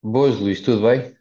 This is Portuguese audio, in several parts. Boas, Luís, tudo bem?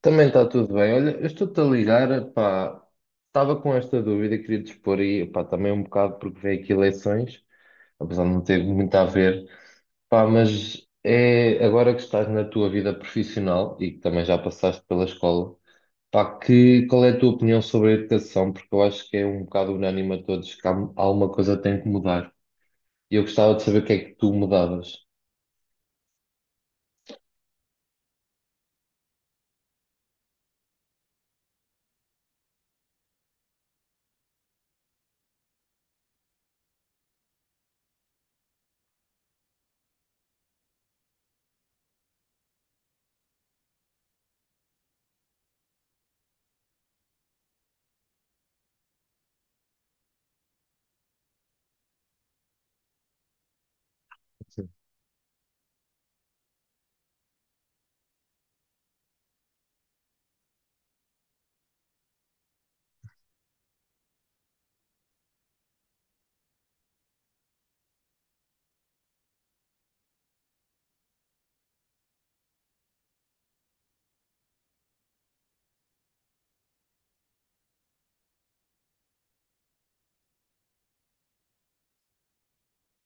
Também está tudo bem. Olha, eu estou-te a ligar, pá, estava com esta dúvida, queria te expor aí, pá, também um bocado porque veio aqui eleições, apesar de não ter muito a ver, pá, mas é agora que estás na tua vida profissional e que também já passaste pela escola, pá, que, qual é a tua opinião sobre a educação? Porque eu acho que é um bocado unânime a todos que há uma coisa que tem que mudar. E eu gostava de saber o que é que tu mudavas.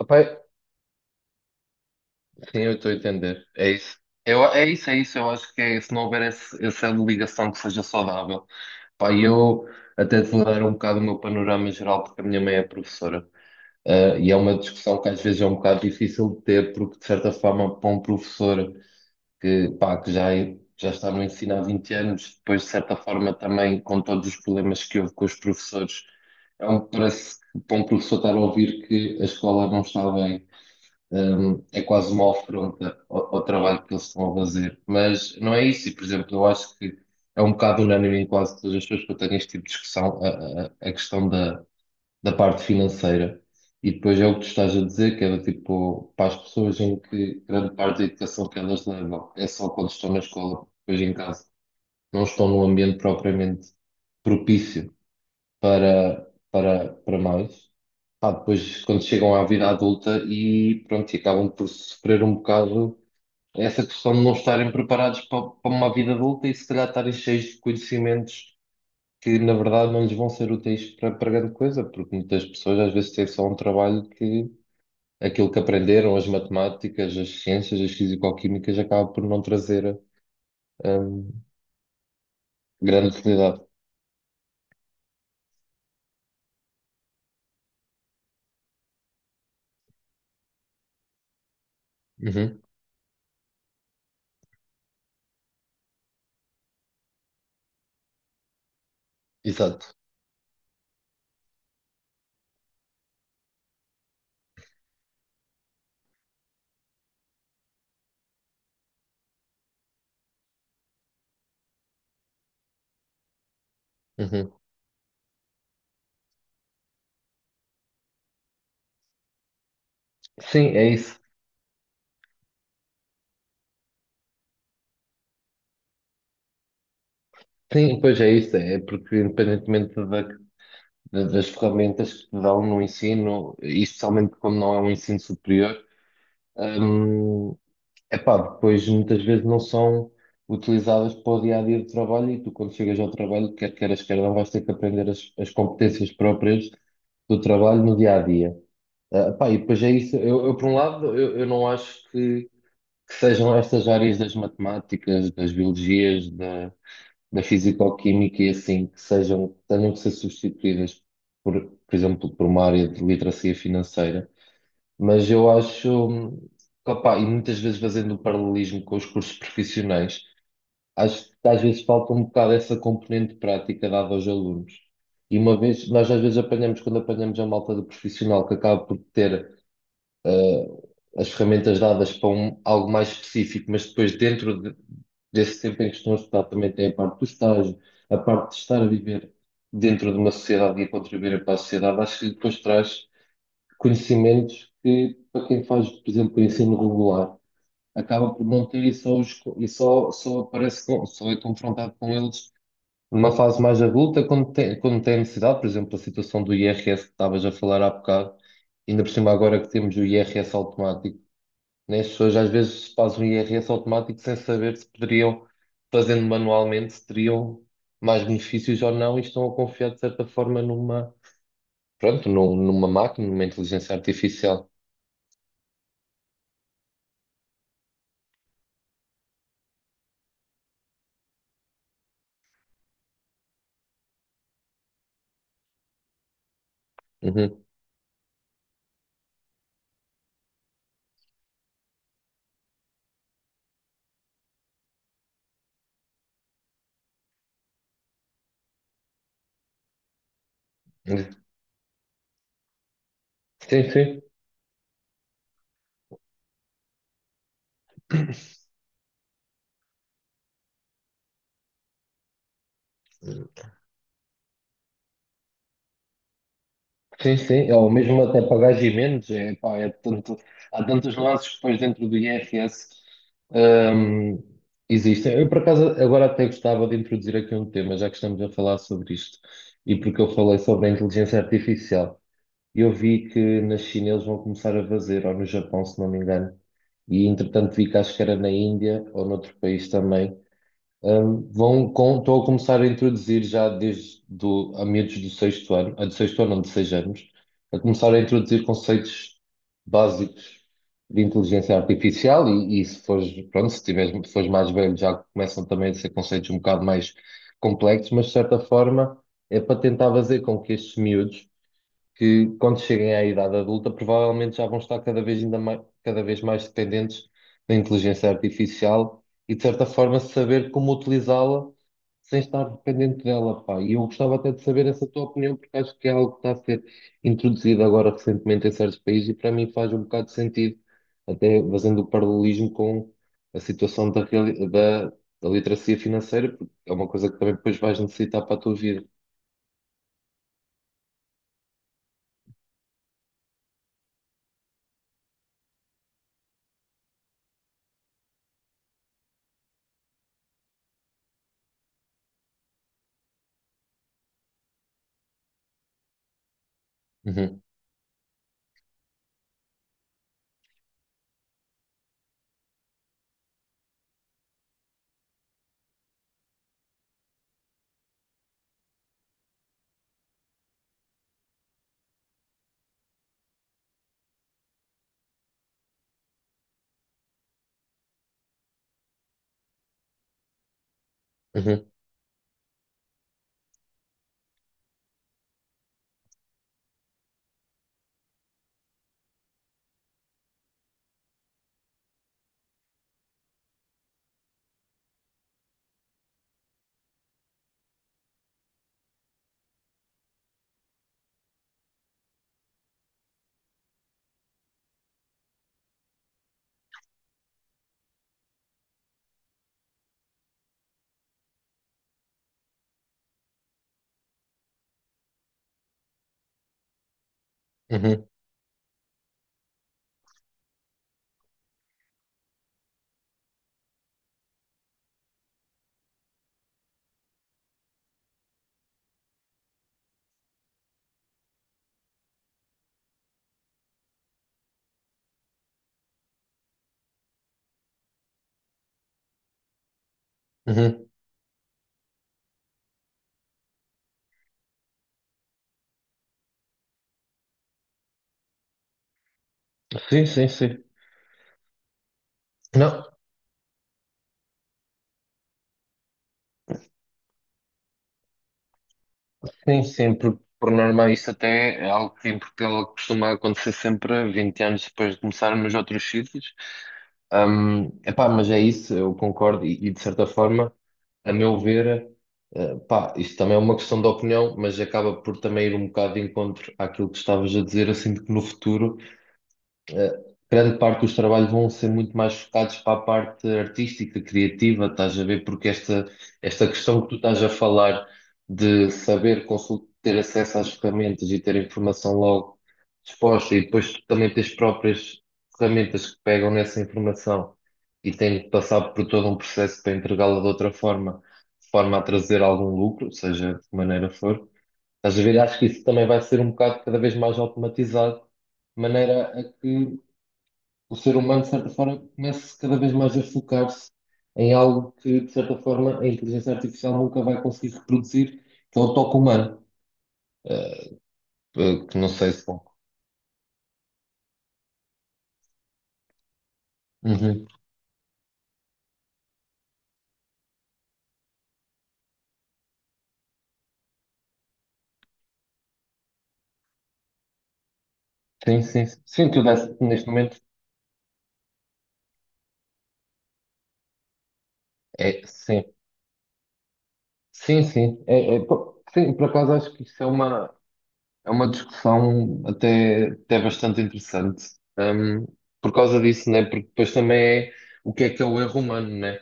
Sim. Sim, eu estou a entender. É isso. Eu, é isso, é isso. Eu acho que é, se não houver essa ligação que seja saudável. Pá, e eu até te vou dar um bocado o meu panorama geral, porque a minha mãe é professora. Ah, e é uma discussão que às vezes é um bocado difícil de ter, porque de certa forma, para um professor que, pá, já está no ensino há 20 anos, depois de certa forma também com todos os problemas que houve com os professores, é um, parece que para um professor estar a ouvir que a escola não está bem é quase uma afronta ao trabalho que eles estão a fazer. Mas não é isso, e por exemplo, eu acho que é um bocado unânime em quase todas as pessoas que eu tenho este tipo de discussão, a questão da parte financeira. E depois é o que tu estás a dizer, que é do tipo, para as pessoas em que grande parte da educação que elas levam é só quando estão na escola, depois em casa, não estão num ambiente propriamente propício para mais. Pá, depois, quando chegam à vida adulta e pronto, e acabam por sofrer um bocado essa questão de não estarem preparados para uma vida adulta e se calhar estarem cheios de conhecimentos que na verdade não lhes vão ser úteis para grande coisa, porque muitas pessoas às vezes têm só um trabalho que aquilo que aprenderam, as matemáticas, as ciências, as fisicoquímicas, acaba por não trazer hum, grande utilidade. Uhum, exato. Uhum. Sim, é isso. Sim, pois é isso, é porque independentemente das ferramentas que te dão no ensino, e especialmente quando não é um ensino superior, hum, epá, depois muitas vezes não são utilizadas para o dia a dia do trabalho e tu, quando chegas ao trabalho, quer queiras, quer não, vais ter que aprender as competências próprias do trabalho no dia a dia. Ah, pá, e depois é isso. Por um lado, eu não acho que sejam estas áreas das matemáticas, das biologias, da fisicoquímica e assim que sejam, tenham que ser substituídas por, por exemplo, por uma área de literacia financeira. Mas eu acho, que, opá, e muitas vezes fazendo o paralelismo com os cursos profissionais, acho que às vezes falta um bocado essa componente prática dada aos alunos. E uma vez, nós às vezes apanhamos, quando apanhamos a malta do profissional que acaba por ter ah, as ferramentas dadas para algo mais específico, mas depois desse tempo em que estão a estudar também tem a parte do estágio, a parte de estar a viver dentro de uma sociedade e a contribuir para a sociedade, acho que depois traz conhecimentos que para quem faz, por exemplo, ensino regular, acaba por não ter e só, só aparece, só é confrontado com eles numa fase mais adulta, quando tem necessidade, por exemplo, a situação do IRS que estavas a falar há bocado, ainda por cima agora que temos o IRS automático, né? As pessoas às vezes fazem um IRS automático sem saber se poderiam, fazendo manualmente, se teriam mais benefícios ou não e estão a confiar de certa forma numa, pronto, numa máquina, numa inteligência artificial. Uhum. Sim, sim. Sim, sim, ou mesmo até pagás e menos, é, pá, é tanto, há tantos lances depois dentro do IRS hum, existem. Eu, por acaso, agora até gostava de introduzir aqui um tema, já que estamos a falar sobre isto, e porque eu falei sobre a inteligência artificial. E eu vi que na China eles vão começar a fazer, ou no Japão, se não me engano. E entretanto vi que acho que era na Índia ou noutro país também. Estão a começar a introduzir já desde do, a meados do sexto ano, a do sexto ano, não, de seis anos, a começar a introduzir conceitos básicos de inteligência artificial e se fores, pronto, se tiveres, se fores mais velho já começam também a ser conceitos um bocado mais complexos, mas de certa forma é para tentar fazer com que estes miúdos que quando cheguem à idade adulta provavelmente já vão estar cada vez mais dependentes da inteligência artificial e de certa forma saber como utilizá-la sem estar dependente dela, pá. E eu gostava até de saber essa tua opinião porque acho que é algo que está a ser introduzido agora recentemente em certos países e para mim faz um bocado de sentido, até fazendo o paralelismo com a situação da literacia financeira, porque é uma coisa que também depois vais necessitar para a tua vida. Uhum, uhum, uhum, uhum. Sim, sim, sim. Não, sim, sempre. Por norma, isso até é algo que em Portugal costuma acontecer sempre 20 anos depois de começar nos outros sítios. Epá, mas é isso, eu concordo, e de certa forma, a meu ver, eh, pá, isto também é uma questão de opinião, mas acaba por também ir um bocado de encontro àquilo que estavas a dizer, assim, de que no futuro. Eh, grande parte dos trabalhos vão ser muito mais focados para a parte artística, criativa, estás a ver? Esta questão que tu estás a falar de saber ter acesso às ferramentas e ter a informação logo disposta e depois também ter as próprias ferramentas que pegam nessa informação e têm que passar por todo um processo para entregá-la de outra forma, de forma a trazer algum lucro, seja de que maneira for. Estás a ver? Acho que isso também vai ser um bocado cada vez mais automatizado de maneira a que o ser humano, de certa forma, começa cada vez mais a focar-se em algo que, de certa forma, a inteligência artificial nunca vai conseguir reproduzir, que é o toque humano. Eh, que não sei se. Uhum. Sim, sim, sim. Sim, tu desse, neste momento é sim. Sim, sim. Pô, sim, por acaso acho que isso é uma discussão até, até bastante interessante. Hum, por causa disso, né? Porque depois também é o que é o erro humano, né?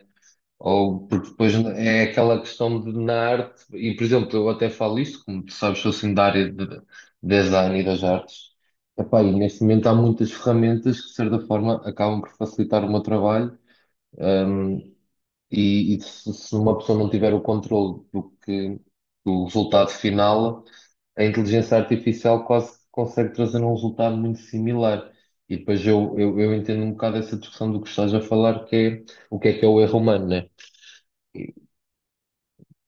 Ou porque depois é aquela questão de na arte, e por exemplo, eu até falo isto, como tu sabes, sou assim da área de design e das artes. Epá, e neste momento há muitas ferramentas que, de certa forma, acabam por facilitar o meu trabalho. hum, se uma pessoa não tiver o controle do resultado final, a inteligência artificial quase que consegue trazer um resultado muito similar. E depois eu entendo um bocado essa discussão do que estás a falar, que é o erro humano, né?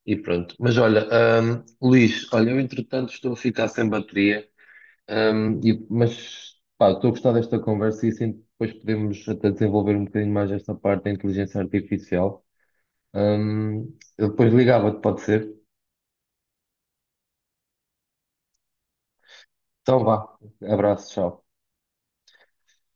E pronto. Mas olha, Luís, olha, eu entretanto estou a ficar sem bateria, mas pá, estou a gostar desta conversa e assim depois podemos até desenvolver um bocadinho mais esta parte da inteligência artificial. Eu depois ligava-te, pode ser? Então vá, abraço, tchau.